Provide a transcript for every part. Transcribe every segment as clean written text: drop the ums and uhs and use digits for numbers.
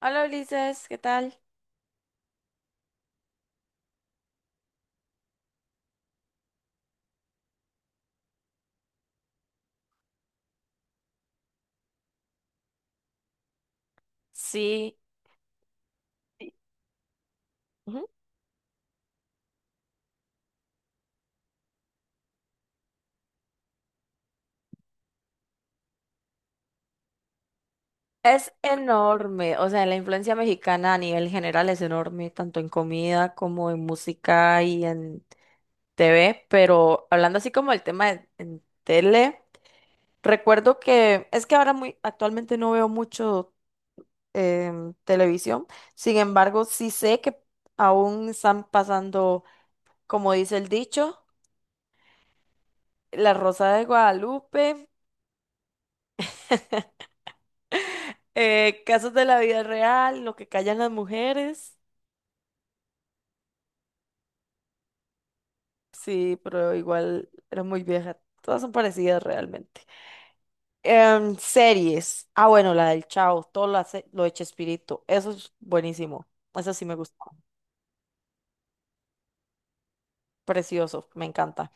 Hola Ulises, ¿qué tal? Sí, es enorme, o sea, la influencia mexicana a nivel general es enorme, tanto en comida como en música y en TV, pero hablando así como el tema en tele, recuerdo que es que ahora muy actualmente no veo mucho televisión. Sin embargo, sí sé que aún están pasando, como dice el dicho, La Rosa de Guadalupe, casos de la vida real, lo que callan las mujeres. Sí, pero igual era muy vieja. Todas son parecidas realmente. Series. Ah, bueno, la del Chao, todo lo, hace, lo de Chespirito. Eso es buenísimo. Eso sí me gusta. Precioso, me encanta.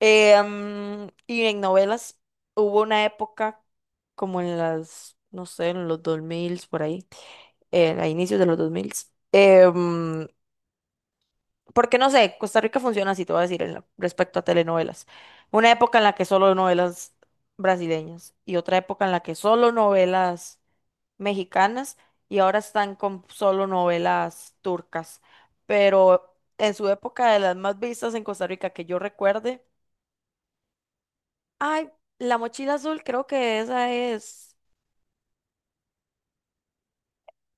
Y en novelas hubo una época como en las, no sé, en los 2000, por ahí, a inicios de los 2000. Porque no sé, Costa Rica funciona así, te voy a decir, en respecto a telenovelas. Una época en la que solo novelas brasileñas y otra época en la que solo novelas mexicanas, y ahora están con solo novelas turcas. Pero en su época, de las más vistas en Costa Rica que yo recuerde, ay, La Mochila Azul, creo que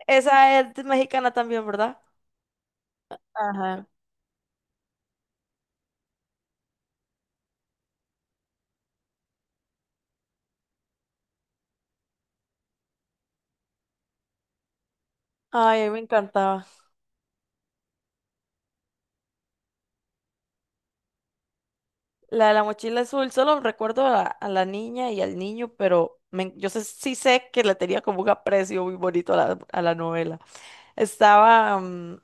esa es mexicana también, ¿verdad? Ajá. Ay, a mí me encantaba. La de la mochila azul, solo recuerdo a la niña y al niño, pero yo sé, sí sé que le tenía como un aprecio muy bonito a la novela. Estaba mm,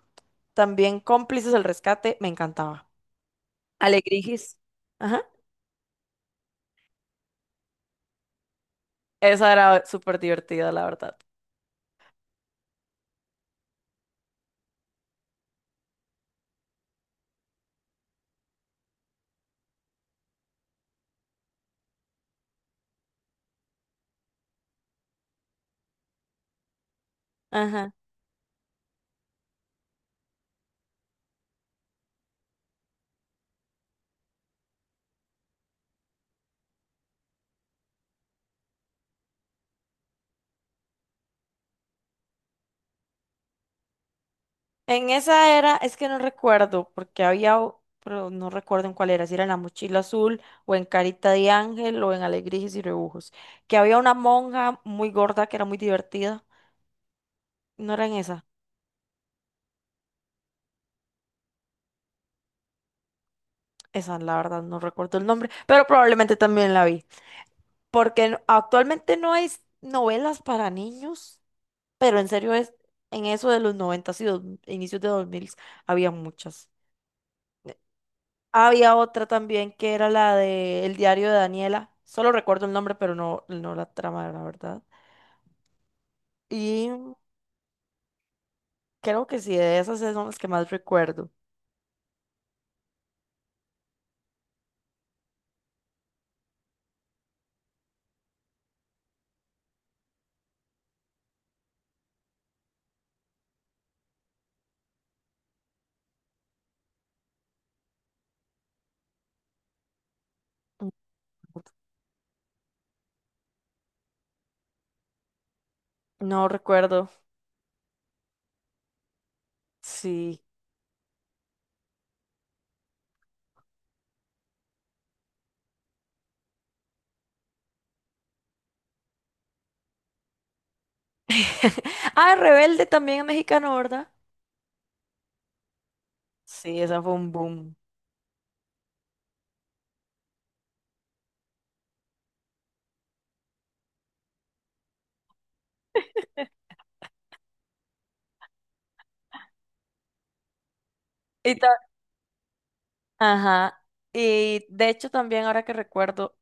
también Cómplices del Rescate, me encantaba. Alegrigis. Ajá. Esa era súper divertida, la verdad. Ajá. En esa era, es que no recuerdo, porque había, pero no recuerdo en cuál era, si era en la mochila azul o en Carita de Ángel o en Alegrías y Rebujos, que había una monja muy gorda que era muy divertida. ¿No era en esa? Esa, la verdad, no recuerdo el nombre, pero probablemente también la vi. Porque actualmente no hay novelas para niños, pero en serio es, en eso de los 90 y inicios de 2000 había muchas. Había otra también que era la de El diario de Daniela. Solo recuerdo el nombre, pero no, no la trama, la verdad. Y creo que sí, de esas son las que más recuerdo. No recuerdo, sí. Ah, Rebelde también es mexicano, ¿verdad? Sí, esa fue un boom. Y ajá. Y de hecho también ahora que recuerdo,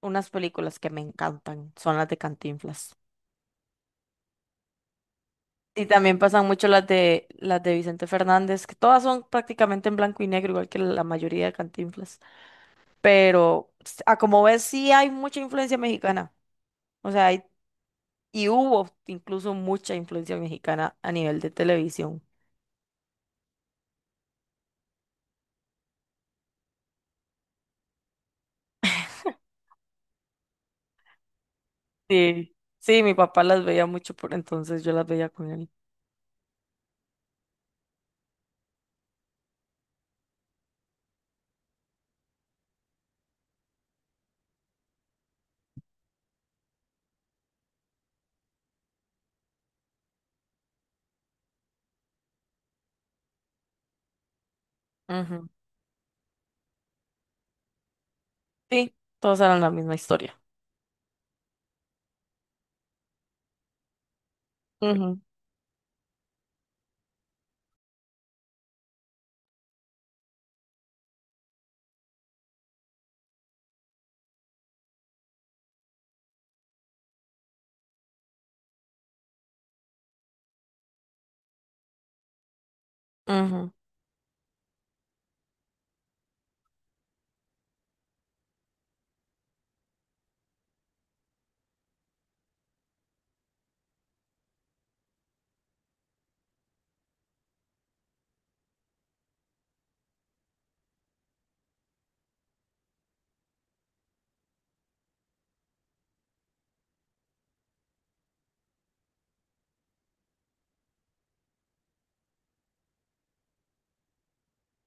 unas películas que me encantan son las de Cantinflas. Y también pasan mucho las de Vicente Fernández, que todas son prácticamente en blanco y negro, igual que la mayoría de Cantinflas. Pero a como ves, sí hay mucha influencia mexicana. O sea, y hubo incluso mucha influencia mexicana a nivel de televisión. Sí. Sí, mi papá las veía mucho, por entonces yo las veía con él. Ujú. Sí, todas eran la misma historia. Ujú, ujú.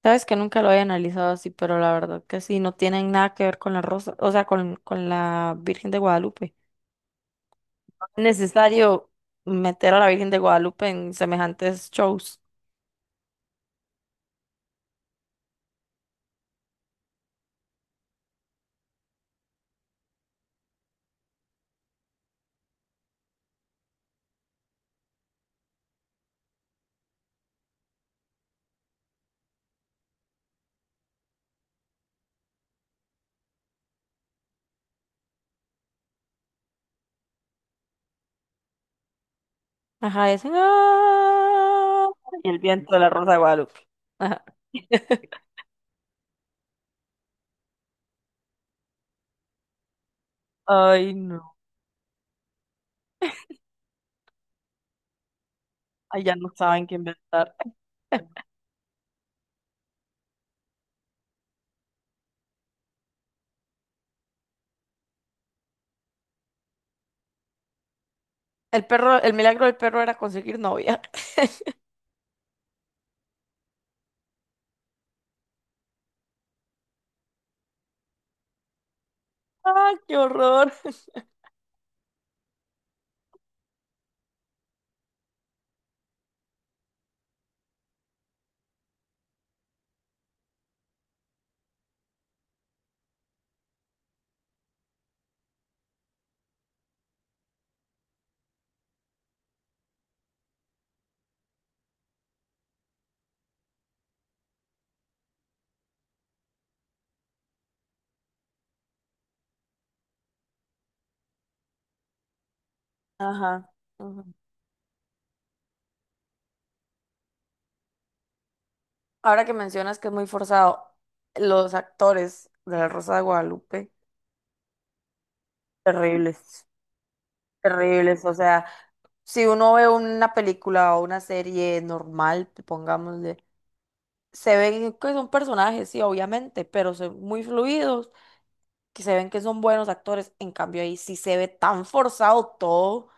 Sabes que nunca lo había analizado así, pero la verdad que sí, no tienen nada que ver con la rosa, o sea, con la Virgen de Guadalupe. No es necesario meter a la Virgen de Guadalupe en semejantes shows. Ajá, y hacen ¡ah! Y el viento de la rosa de Guadalupe. Ajá. Ay, no. Ay, ya no saben qué inventar. El perro, el milagro del perro era conseguir novia. ¡Ah, qué horror! Ajá. Ahora que mencionas que es muy forzado, los actores de La Rosa de Guadalupe, terribles, terribles. O sea, si uno ve una película o una serie normal, pongámosle, se ven que son personajes, sí, obviamente, pero son muy fluidos, que se ven que son buenos actores. En cambio, ahí sí se ve tan forzado todo,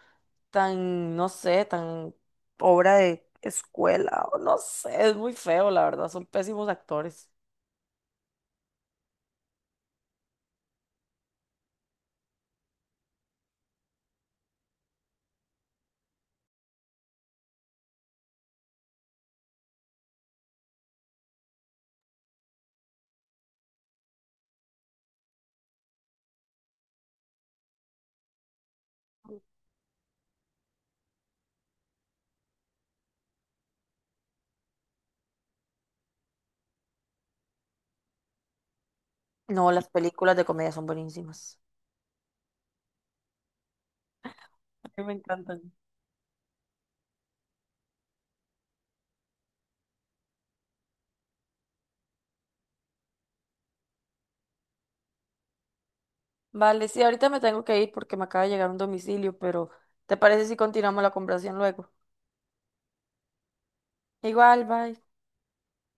tan, no sé, tan obra de escuela, o no sé, es muy feo, la verdad, son pésimos actores. No, las películas de comedia son buenísimas que me encantan. Vale, sí, ahorita me tengo que ir porque me acaba de llegar un domicilio, pero ¿te parece si continuamos la conversación luego? Igual, bye.